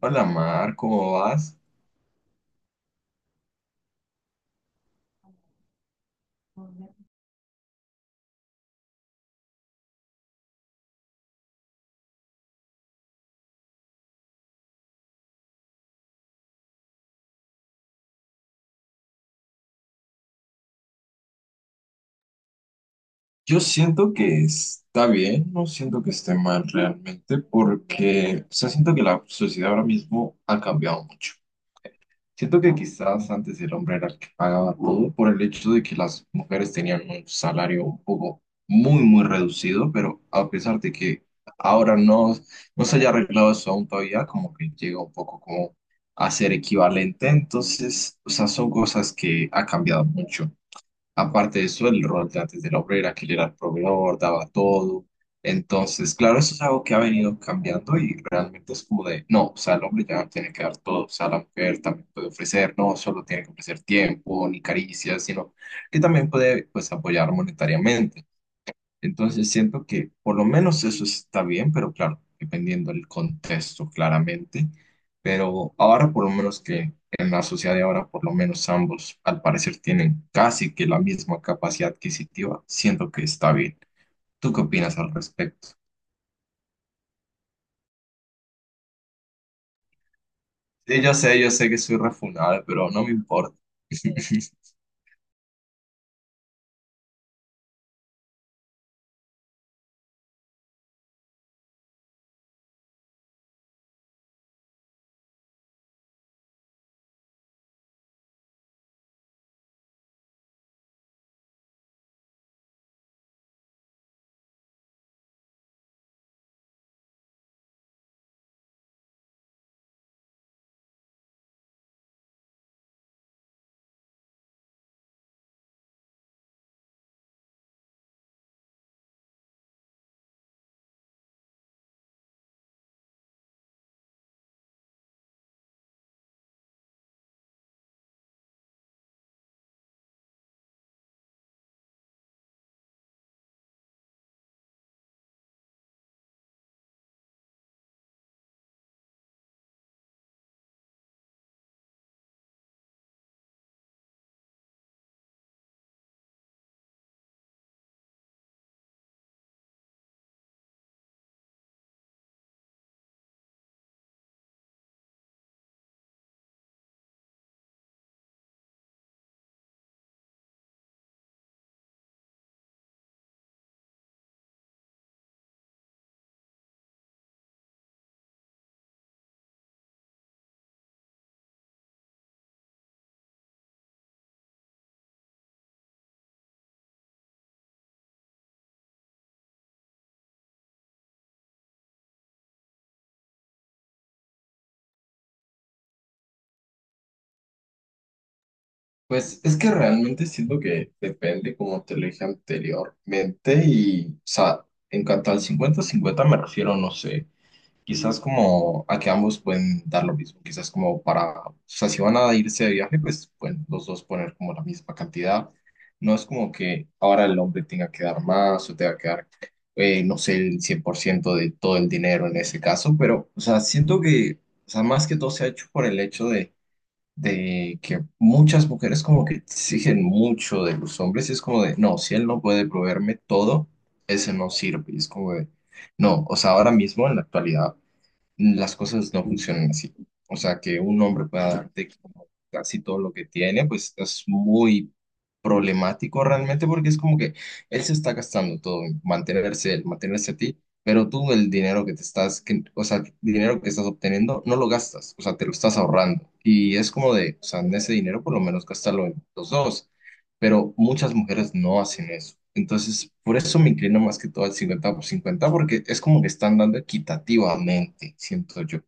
Hola Mar, ¿cómo vas? Yo siento que está bien, no siento que esté mal realmente, porque, o sea, siento que la sociedad ahora mismo ha cambiado mucho. Siento que quizás antes el hombre era el que pagaba todo por el hecho de que las mujeres tenían un salario un poco muy reducido, pero a pesar de que ahora no, no se haya arreglado eso aún todavía, como que llega un poco como a ser equivalente. Entonces, o sea, son cosas que ha cambiado mucho. Aparte de eso, el rol de antes del obrero, era que él era el proveedor, daba todo. Entonces, claro, eso es algo que ha venido cambiando y realmente es como de, no, o sea, el hombre ya no tiene que dar todo, o sea, la mujer también puede ofrecer, no solo tiene que ofrecer tiempo ni caricias, sino que también puede, pues, apoyar monetariamente. Entonces siento que por lo menos eso está bien, pero claro, dependiendo del contexto, claramente. Pero ahora por lo menos que en la sociedad de ahora, por lo menos ambos al parecer tienen casi que la misma capacidad adquisitiva, siento que está bien. ¿Tú qué opinas al respecto? Sí, yo sé que soy refunable, pero no me importa. Pues es que realmente siento que depende, como te lo dije anteriormente, y, o sea, en cuanto al cincuenta 50 me refiero, no sé. Quizás como a que ambos pueden dar lo mismo, quizás como para, o sea, si van a irse de viaje, pues pueden los dos poner como la misma cantidad. No es como que ahora el hombre tenga que dar más o tenga que dar, no sé, el 100% de todo el dinero en ese caso, pero, o sea, siento que, o sea, más que todo se ha hecho por el hecho de que muchas mujeres como que exigen mucho de los hombres y es como de, no, si él no puede proveerme todo, ese no sirve. Y es como de... No, o sea, ahora mismo en la actualidad las cosas no funcionan así. O sea, que un hombre pueda darte como casi todo lo que tiene, pues es muy problemático realmente porque es como que él se está gastando todo en mantenerse él, mantenerse a ti, pero tú el dinero que te estás, que, o sea, el dinero que estás obteniendo no lo gastas, o sea, te lo estás ahorrando. Y es como de, o sea, en ese dinero por lo menos gastarlo en los dos pero muchas mujeres no hacen eso. Entonces, por eso me inclino más que todo al 50 por 50 porque es como que están dando equitativamente, siento yo.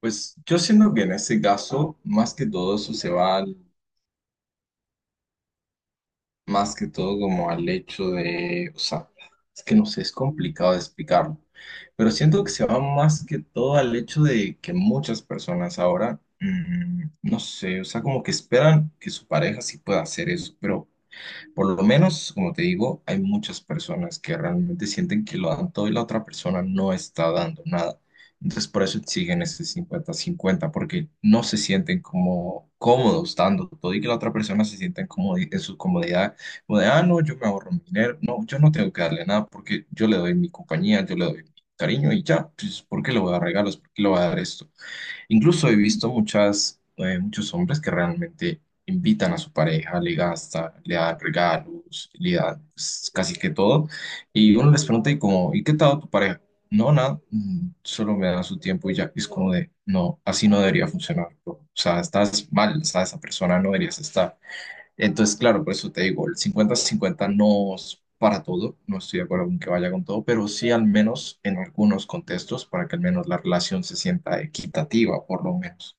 Pues yo siento que en este caso, más que todo eso se va al- más que todo como al hecho de, o sea, es que no sé, es complicado de explicarlo, pero siento que se va más que todo al hecho de que muchas personas ahora, no sé, o sea, como que esperan que su pareja sí pueda hacer eso, pero por lo menos, como te digo, hay muchas personas que realmente sienten que lo dan todo y la otra persona no está dando nada. Entonces, por eso exigen ese cincuenta-cincuenta porque no se sienten como cómodos dando todo y que la otra persona se sienta en, comodi- en su comodidad, como de, ah, no, yo me ahorro mi dinero, no, yo no tengo que darle nada porque yo le doy mi compañía, yo le doy mi cariño y ya, pues, ¿por qué le voy a dar regalos? ¿Por qué le voy a dar esto? Incluso he visto muchas, muchos hombres que realmente invitan a su pareja, le gasta, le dan regalos, le dan pues, casi que todo. Y uno les pregunta, ¿y cómo, ¿y qué tal tu pareja? No, nada, mm, solo me da su tiempo y ya. Y es como de, no, así no debería funcionar, bro. O sea, estás mal, o sea, esa persona no deberías estar. Entonces, claro, por eso te digo, el cincuenta cincuenta no es para todo, no estoy de acuerdo con que vaya con todo, pero sí al menos en algunos contextos para que al menos la relación se sienta equitativa, por lo menos.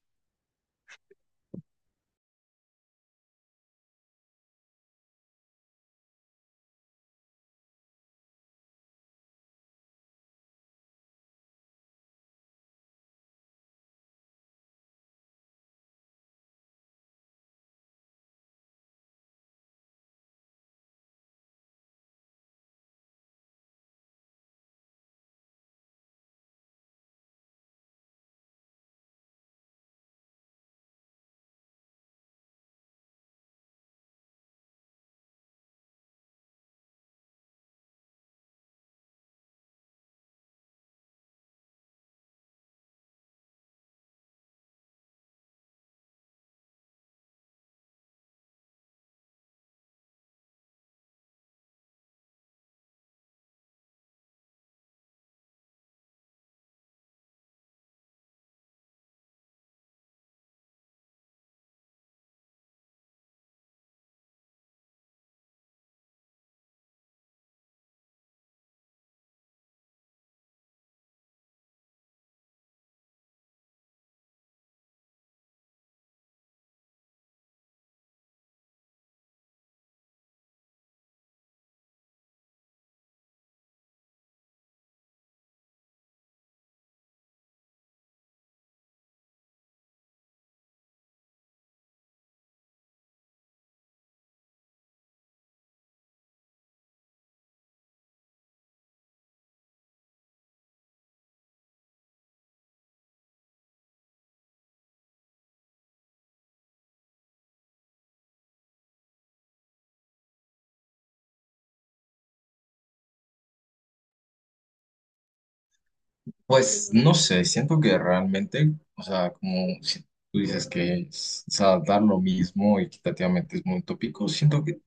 Pues no sé, siento que realmente, o sea, como si tú dices que es- o sea, dar lo mismo equitativamente es muy utópico, siento que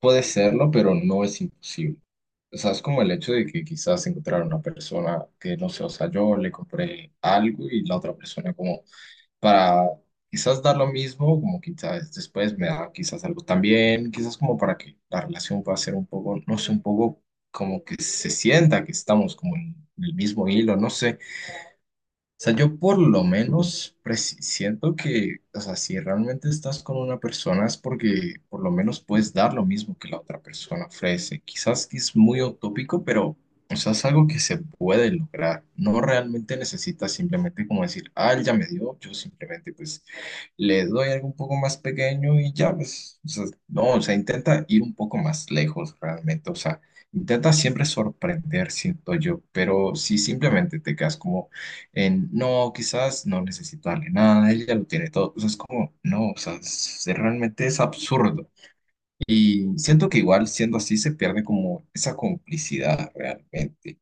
puede serlo, pero no es imposible. O sea, es como el hecho de que quizás encontrar una persona que, no sé, o sea, yo le compré algo y la otra persona como para quizás dar lo mismo, como quizás después me da quizás algo también, quizás como para que la relación pueda ser un poco, no sé, un poco como que se sienta que estamos como en el mismo hilo, no sé sea, yo por lo menos presi- siento que, o sea, si realmente estás con una persona es porque por lo menos puedes dar lo mismo que la otra persona ofrece. Quizás que es muy utópico, pero, o sea, es algo que se puede lograr. No realmente necesitas simplemente como decir, ah, él ya me dio, yo simplemente pues le doy algo un poco más pequeño y ya, pues, o sea, no, o sea, intenta ir un poco más lejos realmente, o sea, intenta siempre sorprender, siento yo, pero si simplemente te quedas como en, no, quizás no necesito darle nada, él ya lo tiene todo. O sea, es como, no, o sea, realmente es absurdo. Y siento que igual siendo así se pierde como esa complicidad realmente,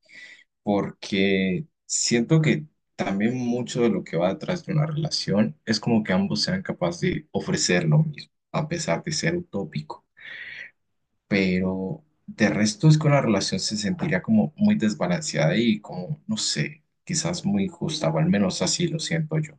porque siento que también mucho de lo que va detrás de una relación es como que ambos sean capaces de ofrecer lo mismo, a pesar de ser utópico. Pero de resto es que una relación se sentiría como muy desbalanceada y como, no sé, quizás muy justa, o al menos así lo siento yo.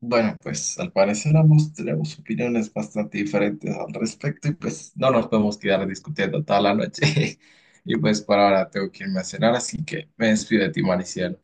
Bueno, pues al parecer ambos tenemos opiniones bastante diferentes al respecto y pues no nos podemos quedar discutiendo toda la noche. Y pues por ahora tengo que irme a cenar, así que me despido de ti, Mariciano.